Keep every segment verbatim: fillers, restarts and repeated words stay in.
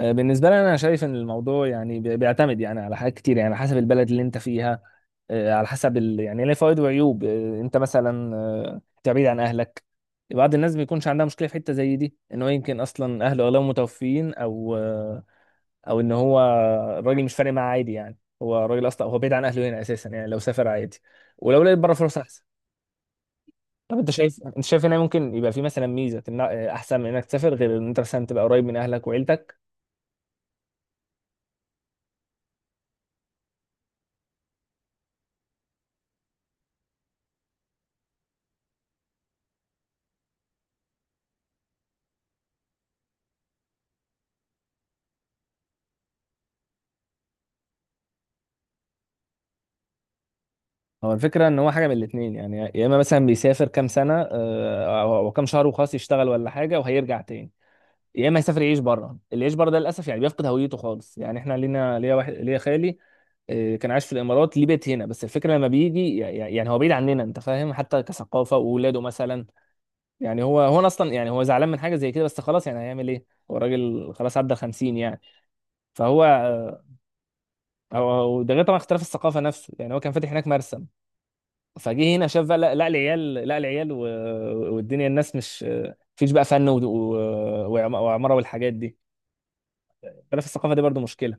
آه، بالنسبة لي، أنا شايف إن الموضوع يعني بي- بيعتمد يعني على حاجات كتير، يعني على حسب البلد اللي أنت فيها. آه، على حسب ال... يعني ليه فوائد وعيوب. آه، أنت مثلا آه، أنت بعيد عن أهلك. بعض الناس بيكونش عندها مشكلة في حتة زي دي، إن هو يمكن أصلا أهله أغلبهم متوفيين، أو آه، أو إن هو الراجل مش فارق معاه عادي، يعني هو الراجل أصلا هو بعيد عن أهله هنا أساسا، يعني لو سافر عادي ولو لقيت بره فرص أحسن. طب أنت شايف أنت شايف هنا ممكن يبقى في مثلا ميزة، إن- آه، أحسن من إنك تسافر، غير إن أنت مثلا تبقى قريب من أهلك وعيلتك؟ هو الفكرة ان هو حاجة من الاتنين، يعني يا اما مثلا بيسافر كام سنة آه، او أو كام شهر وخلاص، يشتغل ولا حاجة وهيرجع تاني. يا اما يسافر يعيش بره. اللي يعيش بره ده للاسف يعني بيفقد هويته خالص. يعني احنا لينا ليا واحد، ليا خالي، آه، كان عايش في الامارات، ليه بيت هنا، بس الفكرة لما بيجي يع- يع- يعني هو بعيد عننا، انت فاهم، حتى كثقافة، واولاده مثلا. يعني هو هو أنا اصلا، يعني هو زعلان من حاجة زي كده، بس خلاص يعني هيعمل ايه؟ هو راجل خلاص، عدى خمسين يعني. فهو آه، هو هو ده غير طبعا اختلاف الثقافة نفسه. يعني هو كان فاتح هناك مرسم، فجه هنا شاف بقى، لا لا العيال، لا العيال و... والدنيا الناس مش، مفيش بقى فن و... و... وعم- وعمارة والحاجات دي. اختلاف الثقافة دي برضو مشكلة.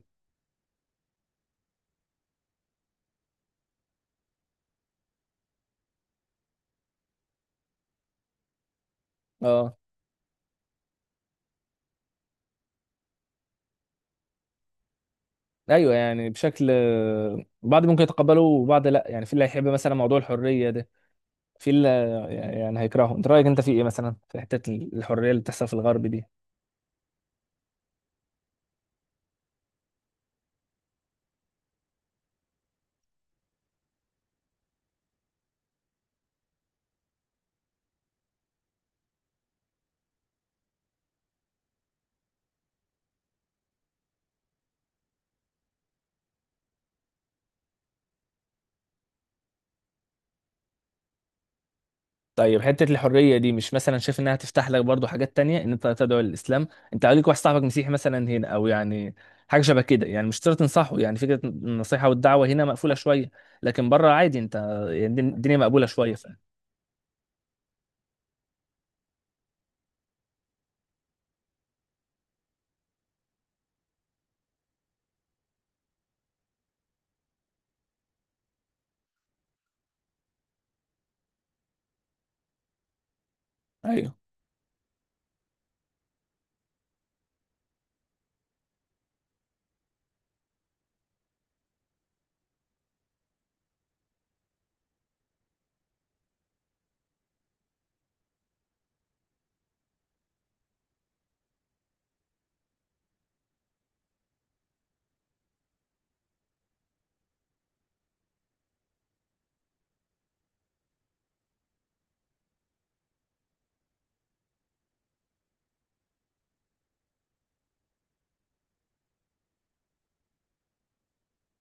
اه. ايوه، يعني بشكل، بعض ممكن يتقبله وبعض لا، يعني في اللي هيحب مثلا موضوع الحرية ده، في اللي يعني هيكرهه. انت رأيك انت في ايه مثلا في حتة الحرية اللي بتحصل في الغرب دي؟ طيب، حتة الحرية دي مش مثلا شايف انها تفتح لك برضو حاجات تانية، ان انت تدعو للاسلام؟ انت عليك واحد صاحبك مسيحي مثلا هنا، او يعني حاجة شبه كده، يعني مش شرط تنصحه، يعني فكرة النصيحة والدعوة هنا مقفولة شوية. لكن بره عادي انت، يعني الدن- الدنيا مقبولة شوية فعلا. ايوه،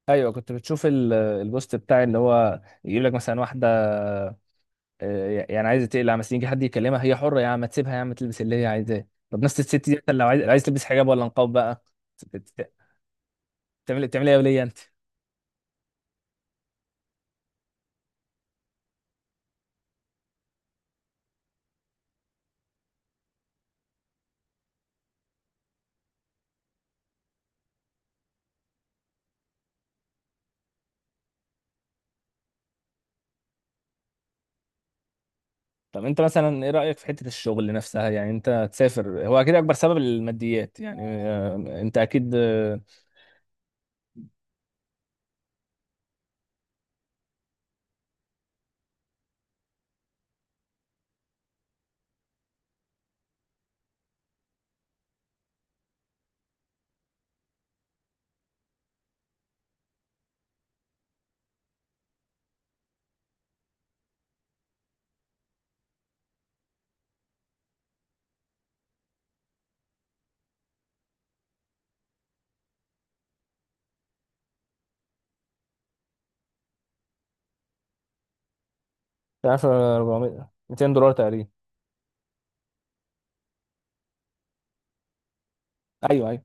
ايوه. كنت بتشوف ال- البوست بتاع اللي هو يقول لك مثلا واحدة، آه، يعني عايزة تقلع مثلا، يجي حد يكلمها هي حرة يا عم، ما تسيبها يا عم تلبس اللي هي عايزاه. طب نفس الست دي مثلا لو عايز عايز تلبس حجاب ولا نقاب بقى، بت- بت- بتعمل بتعمل ايه يا ولية انت؟ طب انت مثلا ايه رأيك في حتة الشغل نفسها؟ يعني انت تسافر، هو اكيد اكبر سبب الماديات يعني. آه، انت اكيد. آه، مش عارف، آه، أربعمائة، ميتين دولار تقريبا. ايوه، ايوه.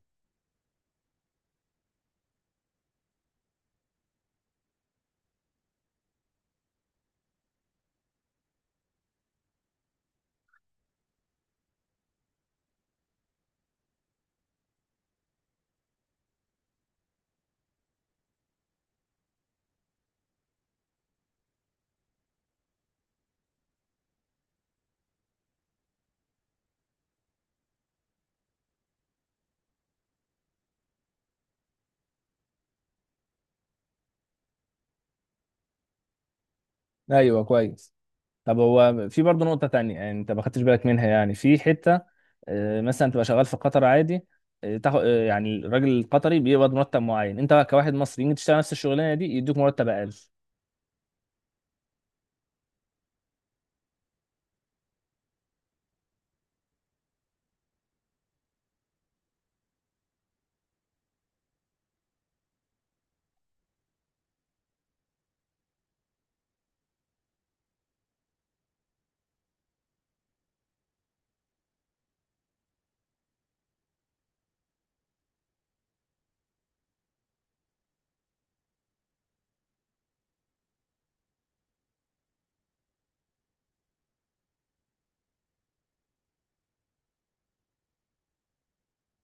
ايوه، كويس. طب هو في برضه نقطة تانية، يعني انت ما خدتش بالك منها، يعني في حتة آه، مثلا تبقى شغال في قطر عادي، آه، تاخد، آه، يعني الراجل القطري بيقبض مرتب معين، انت كواحد مصري يجي تشتغل نفس الشغلانة دي يدوك مرتب اقل.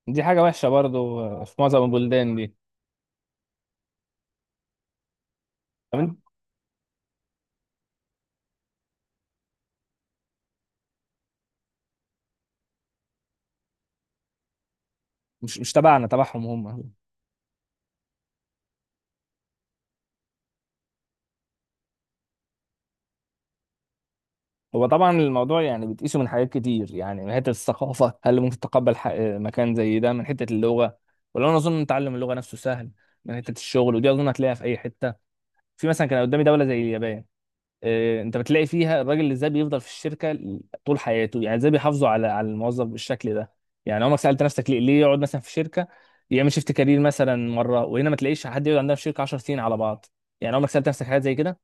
دي حاجة وحشة برضه، آه، في معظم البلدان دي. طب انت، مش مش تبعنا، تبعهم هم. هو طبعا الموضوع يعني بتقيسه من حاجات كتير، يعني من حته الثقافه، هل ممكن تتقبل ح- مكان زي ده، من حته اللغه، ولا انا اظن تعلم اللغه نفسه سهل، من حته الشغل، ودي اظن هتلاقيها في اي حته. في مثلا كان قدامي دوله زي اليابان. آه، انت بتلاقي فيها الراجل، اللي ازاي بيفضل في الشركه طول حياته. يعني ازاي بيحافظوا على على الموظف بالشكل ده. يعني عمرك سالت نفسك، ليه ليه يقعد مثلا في شركه، يعمل شيفت كارير مثلا مره؟ وهنا ما تلاقيش حد يقعد عندنا في شركه 10 سنين على بعض. يعني عمرك سالت نفسك حاجات زي كده؟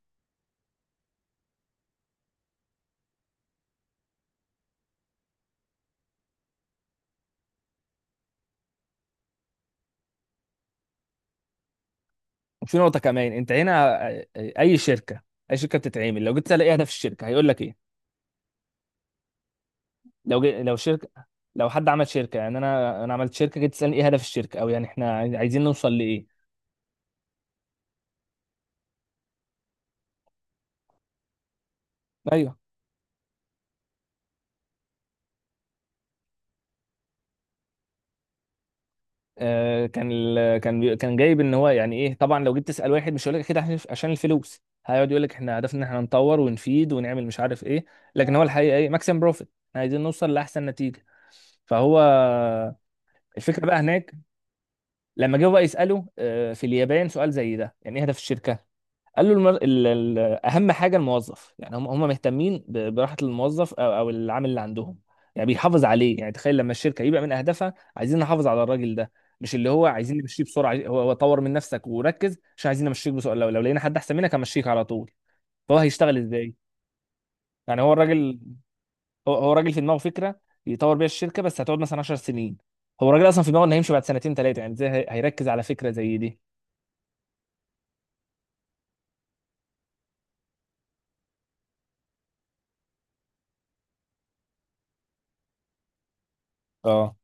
وفي نقطه كمان انت هنا، آه، اي شركه اي شركه بتتعمل لو جيت تسال ايه هدف الشركه، هيقول لك ايه؟ لو جي... لو شركه لو حد عمل شركه، يعني انا انا عملت شركه، جيت تسالني ايه هدف الشركه، او يعني احنا عايز- عايزين نوصل لايه؟ ايوه. آه، كان ال... كان بي- كان جايب ان هو يعني ايه. طبعا لو جيت تسال واحد مش هيقول لك كده، عشان عشان الفلوس. هيقعد يقول لك احنا هدفنا ان احنا نطور ونفيد ونعمل مش عارف ايه. لكن هو الحقيقه ايه؟ ماكسيم بروفيت. احنا عايزين نوصل لاحسن نتيجه. فهو الفكره بقى هناك، لما جه بقى يساله آه، في اليابان سؤال زي ده، يعني ايه هدف الشركه، قال له المر... ال... ال... اهم حاجه الموظف. يعني هم هم مهتمين ب- براحه الموظف او او العامل اللي عندهم. يعني بيحافظ عليه. يعني تخيل لما الشركه يبقى من اهدافها عايزين نحافظ على الراجل ده، مش اللي هو عايزين نمشيه بسرعه. عايز- هو هو طور من نفسك وركز عشان عايزين نمشيك بسرعه، لو, لو لقينا حد احسن منك همشيك على طول. فهو هيشتغل ازاي؟ يعني هو الراجل، هو, هو الراجل في دماغه فكره يطور بيها الشركه، بس هتقعد مثلا 10 سنين. هو الراجل اصلا في دماغه انه هيمشي بعد سنتين ثلاثه، يعني ازاي هي- هيركز على فكره زي دي؟ اه،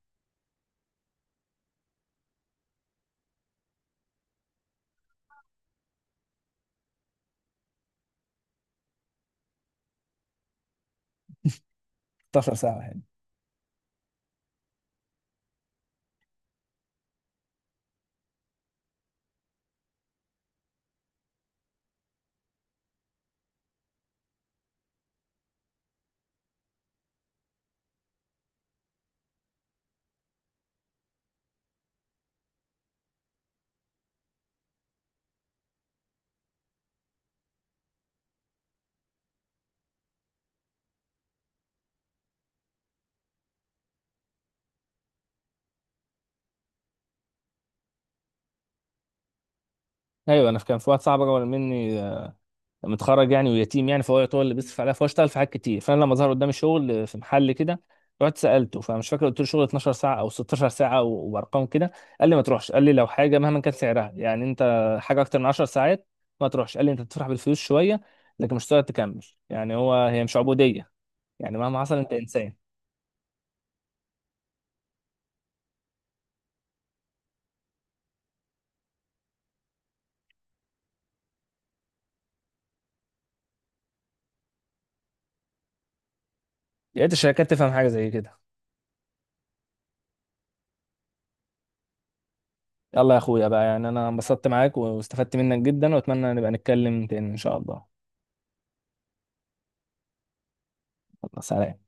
ست عشرة ساعة ساعه يعني. ايوه، انا كان في واحد صاحبي اكبر مني، متخرج يعني ويتيم يعني، فهو يعتبر اللي بيصرف عليها، فهو اشتغل في حاجات كتير. فانا لما ظهر قدامي شغل في محل كده، رحت سالته، فمش فاكر، قلت له شغل اتناشر ساعة ساعه او ست عشرة ساعة ساعه و- وارقام كده. قال لي ما تروحش. قال لي لو حاجه مهما كان سعرها، يعني انت حاجه اكتر من 10 ساعات ما تروحش. قال لي انت تفرح بالفلوس شويه، لكن مش هتقدر تكمل، يعني هو هي مش عبوديه. يعني مهما حصل انت انسان. يا ريت الشركات تفهم حاجه زي كده. يلا يا اخويا بقى، يعني انا انبسطت معاك واستفدت منك جدا، واتمنى نبقى نتكلم تاني ان شاء الله. الله سلام.